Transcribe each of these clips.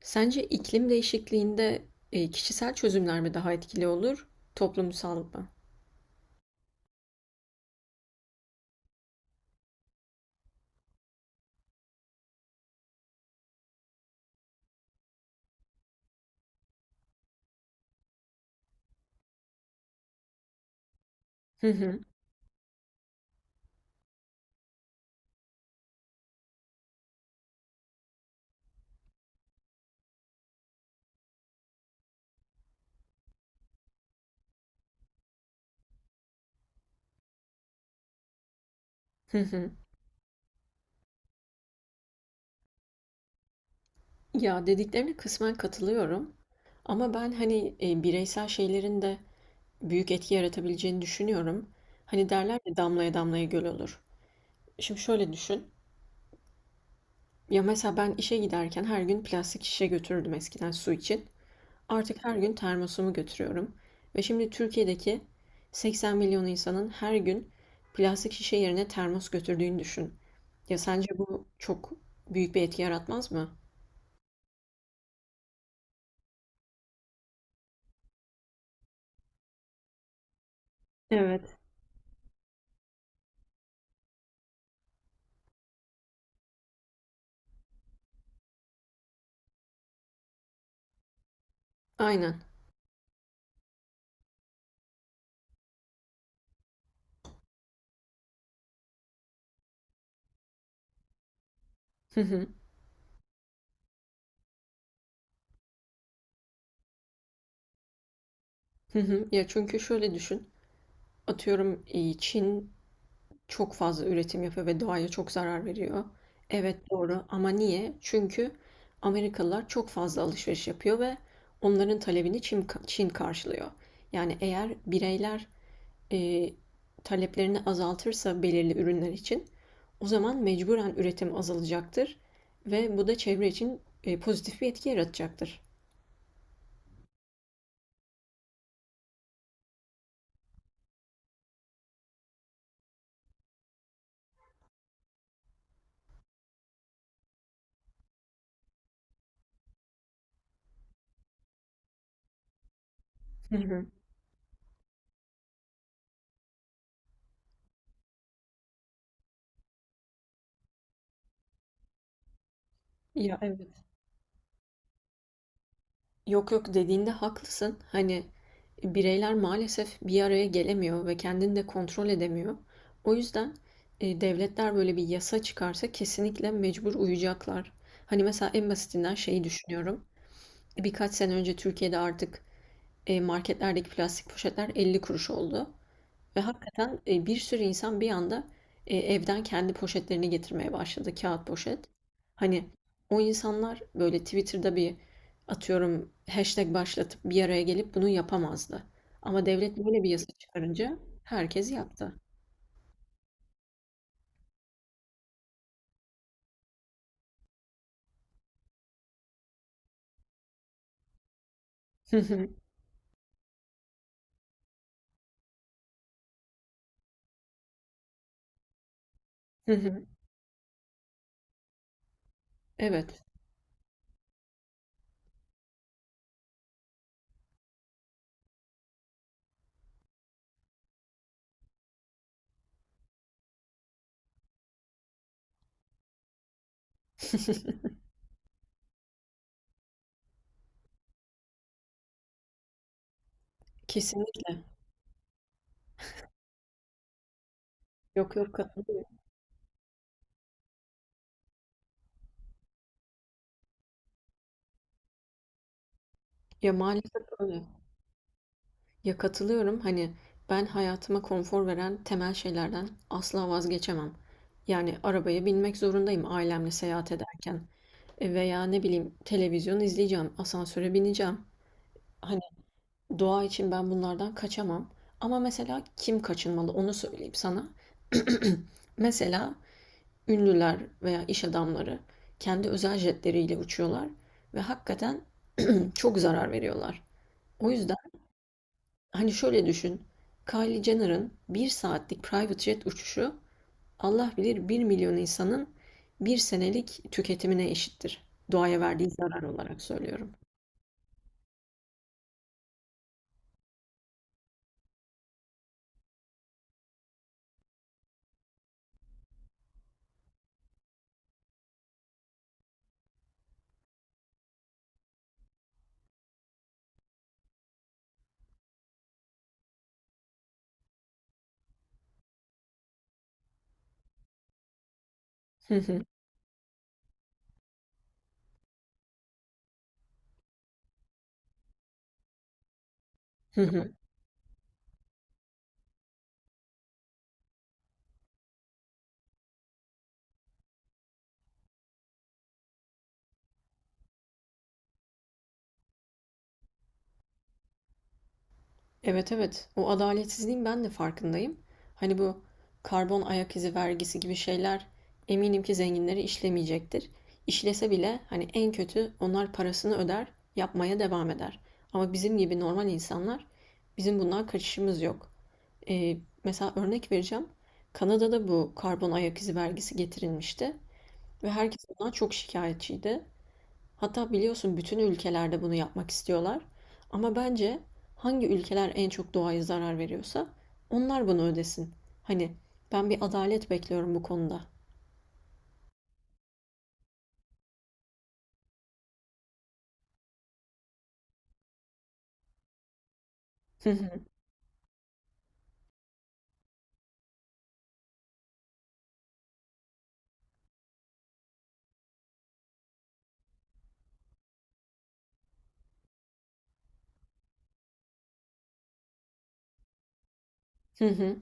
Sence iklim değişikliğinde, kişisel çözümler mi daha etkili olur, toplumsal mı? Hı hı. Hı hı. Ya, dediklerine kısmen katılıyorum ama ben, hani, bireysel şeylerin de büyük etki yaratabileceğini düşünüyorum. Hani, derler ya, "Damlaya damlaya göl olur." Şimdi şöyle düşün, ya, mesela ben işe giderken her gün plastik şişe götürürdüm eskiden su için. Artık her gün termosumu götürüyorum ve şimdi Türkiye'deki 80 milyon insanın her gün plastik şişe yerine termos götürdüğünü düşün. Ya sence bu çok büyük bir etki yaratmaz mı? Evet. Aynen. Hı hı. Hı hı. Ya çünkü şöyle düşün. Atıyorum Çin çok fazla üretim yapıyor ve doğaya çok zarar veriyor. Evet doğru ama niye? Çünkü Amerikalılar çok fazla alışveriş yapıyor ve onların talebini Çin karşılıyor. Yani eğer bireyler e, taleplerini azaltırsa belirli ürünler için o zaman mecburen üretim azalacaktır ve bu da çevre için pozitif bir etki yaratacaktır. Hı hı. Ya evet. Yok yok dediğinde haklısın. Hani bireyler maalesef bir araya gelemiyor ve kendini de kontrol edemiyor. O yüzden devletler böyle bir yasa çıkarsa kesinlikle mecbur uyacaklar. Hani mesela en basitinden şeyi düşünüyorum. Birkaç sene önce Türkiye'de artık marketlerdeki plastik poşetler 50 kuruş oldu. Ve hakikaten bir sürü insan bir anda evden kendi poşetlerini getirmeye başladı. Kağıt poşet. Hani o insanlar böyle Twitter'da bir atıyorum hashtag başlatıp bir araya gelip bunu yapamazdı. Ama devlet böyle bir yasa çıkarınca herkes yaptı. Hı hı, hı hı. Evet, kesinlikle. Yok yok katılıyorum. Ya maalesef öyle. Ya katılıyorum hani ben hayatıma konfor veren temel şeylerden asla vazgeçemem. Yani arabaya binmek zorundayım ailemle seyahat ederken. E, veya ne bileyim televizyon izleyeceğim, asansöre bineceğim. Hani doğa için ben bunlardan kaçamam. Ama mesela kim kaçınmalı onu söyleyeyim sana. Mesela ünlüler veya iş adamları kendi özel jetleriyle uçuyorlar ve hakikaten çok zarar veriyorlar. O yüzden hani şöyle düşün. Kylie Jenner'ın bir saatlik private jet uçuşu Allah bilir bir milyon insanın bir senelik tüketimine eşittir. Doğaya verdiği zarar olarak söylüyorum. Hı hı, hı hı. Evet evet. O adaletsizliğin ben de farkındayım. Hani bu karbon ayak izi vergisi gibi şeyler eminim ki zenginleri işlemeyecektir. İşlese bile hani en kötü onlar parasını öder, yapmaya devam eder. Ama bizim gibi normal insanlar bizim bundan kaçışımız yok. E, mesela örnek vereceğim. Kanada'da bu karbon ayak izi vergisi getirilmişti ve herkes bundan çok şikayetçiydi. Hatta biliyorsun bütün ülkelerde bunu yapmak istiyorlar. Ama bence hangi ülkeler en çok doğaya zarar veriyorsa onlar bunu ödesin. Hani ben bir adalet bekliyorum bu konuda. Hı hı, hı hı,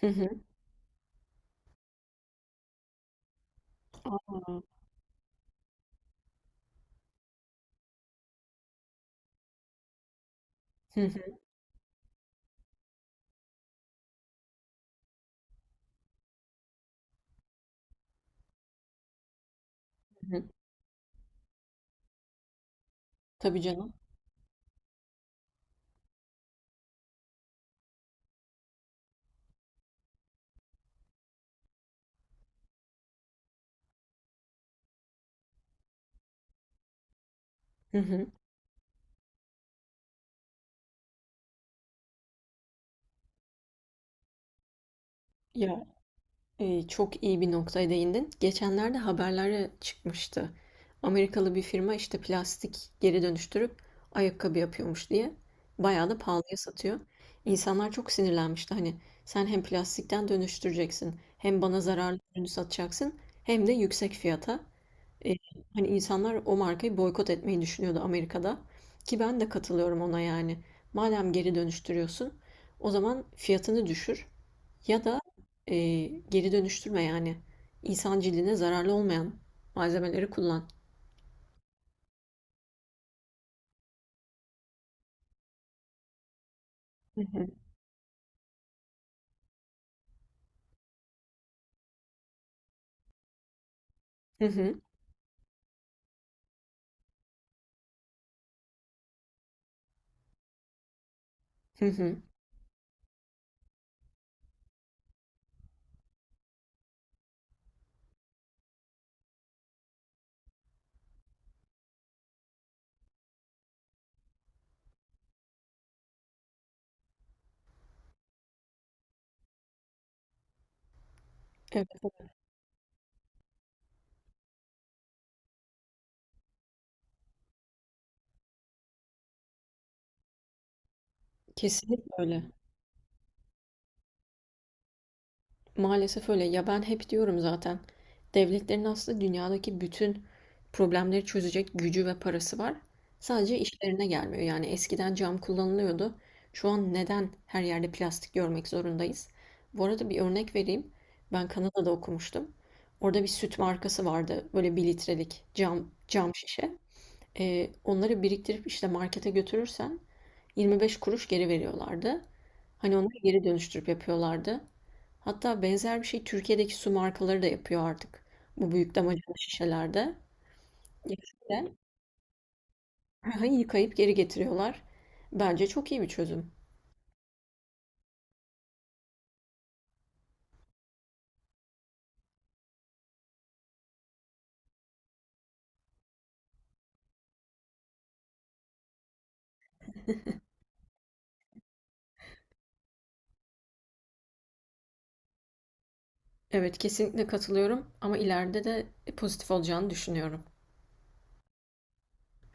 hı hı. Aa, hı hı, hı. Tabii canım. Hı hı. Ya çok iyi bir noktaya değindin. Geçenlerde haberlere çıkmıştı. Amerikalı bir firma işte plastik geri dönüştürüp ayakkabı yapıyormuş diye. Bayağı da pahalıya satıyor. İnsanlar çok sinirlenmişti. Hani sen hem plastikten dönüştüreceksin, hem bana zararlı ürünü satacaksın, hem de yüksek fiyata. Eee, hani insanlar o markayı boykot etmeyi düşünüyordu Amerika'da. Ki ben de katılıyorum ona yani. Madem geri dönüştürüyorsun, o zaman fiyatını düşür. Ya da e, geri dönüştürme yani insan cildine zararlı olmayan malzemeleri kullan. Hı hı. Hı hı. Hı hı. Evet, evet. Kesinlikle öyle. Maalesef öyle. Ya ben hep diyorum zaten. Devletlerin aslında dünyadaki bütün problemleri çözecek gücü ve parası var. Sadece işlerine gelmiyor. Yani eskiden cam kullanılıyordu. Şu an neden her yerde plastik görmek zorundayız? Bu arada bir örnek vereyim. Ben Kanada'da okumuştum. Orada bir süt markası vardı. Böyle bir litrelik cam şişe. Onları biriktirip işte markete götürürsen 25 kuruş geri veriyorlardı. Hani onları geri dönüştürüp yapıyorlardı. Hatta benzer bir şey Türkiye'deki su markaları da yapıyor artık. Bu büyük damacana şişelerde. Ya şöyle, yıkayıp geri getiriyorlar. Bence çok iyi bir çözüm. Evet, kesinlikle katılıyorum ama ileride de pozitif olacağını düşünüyorum.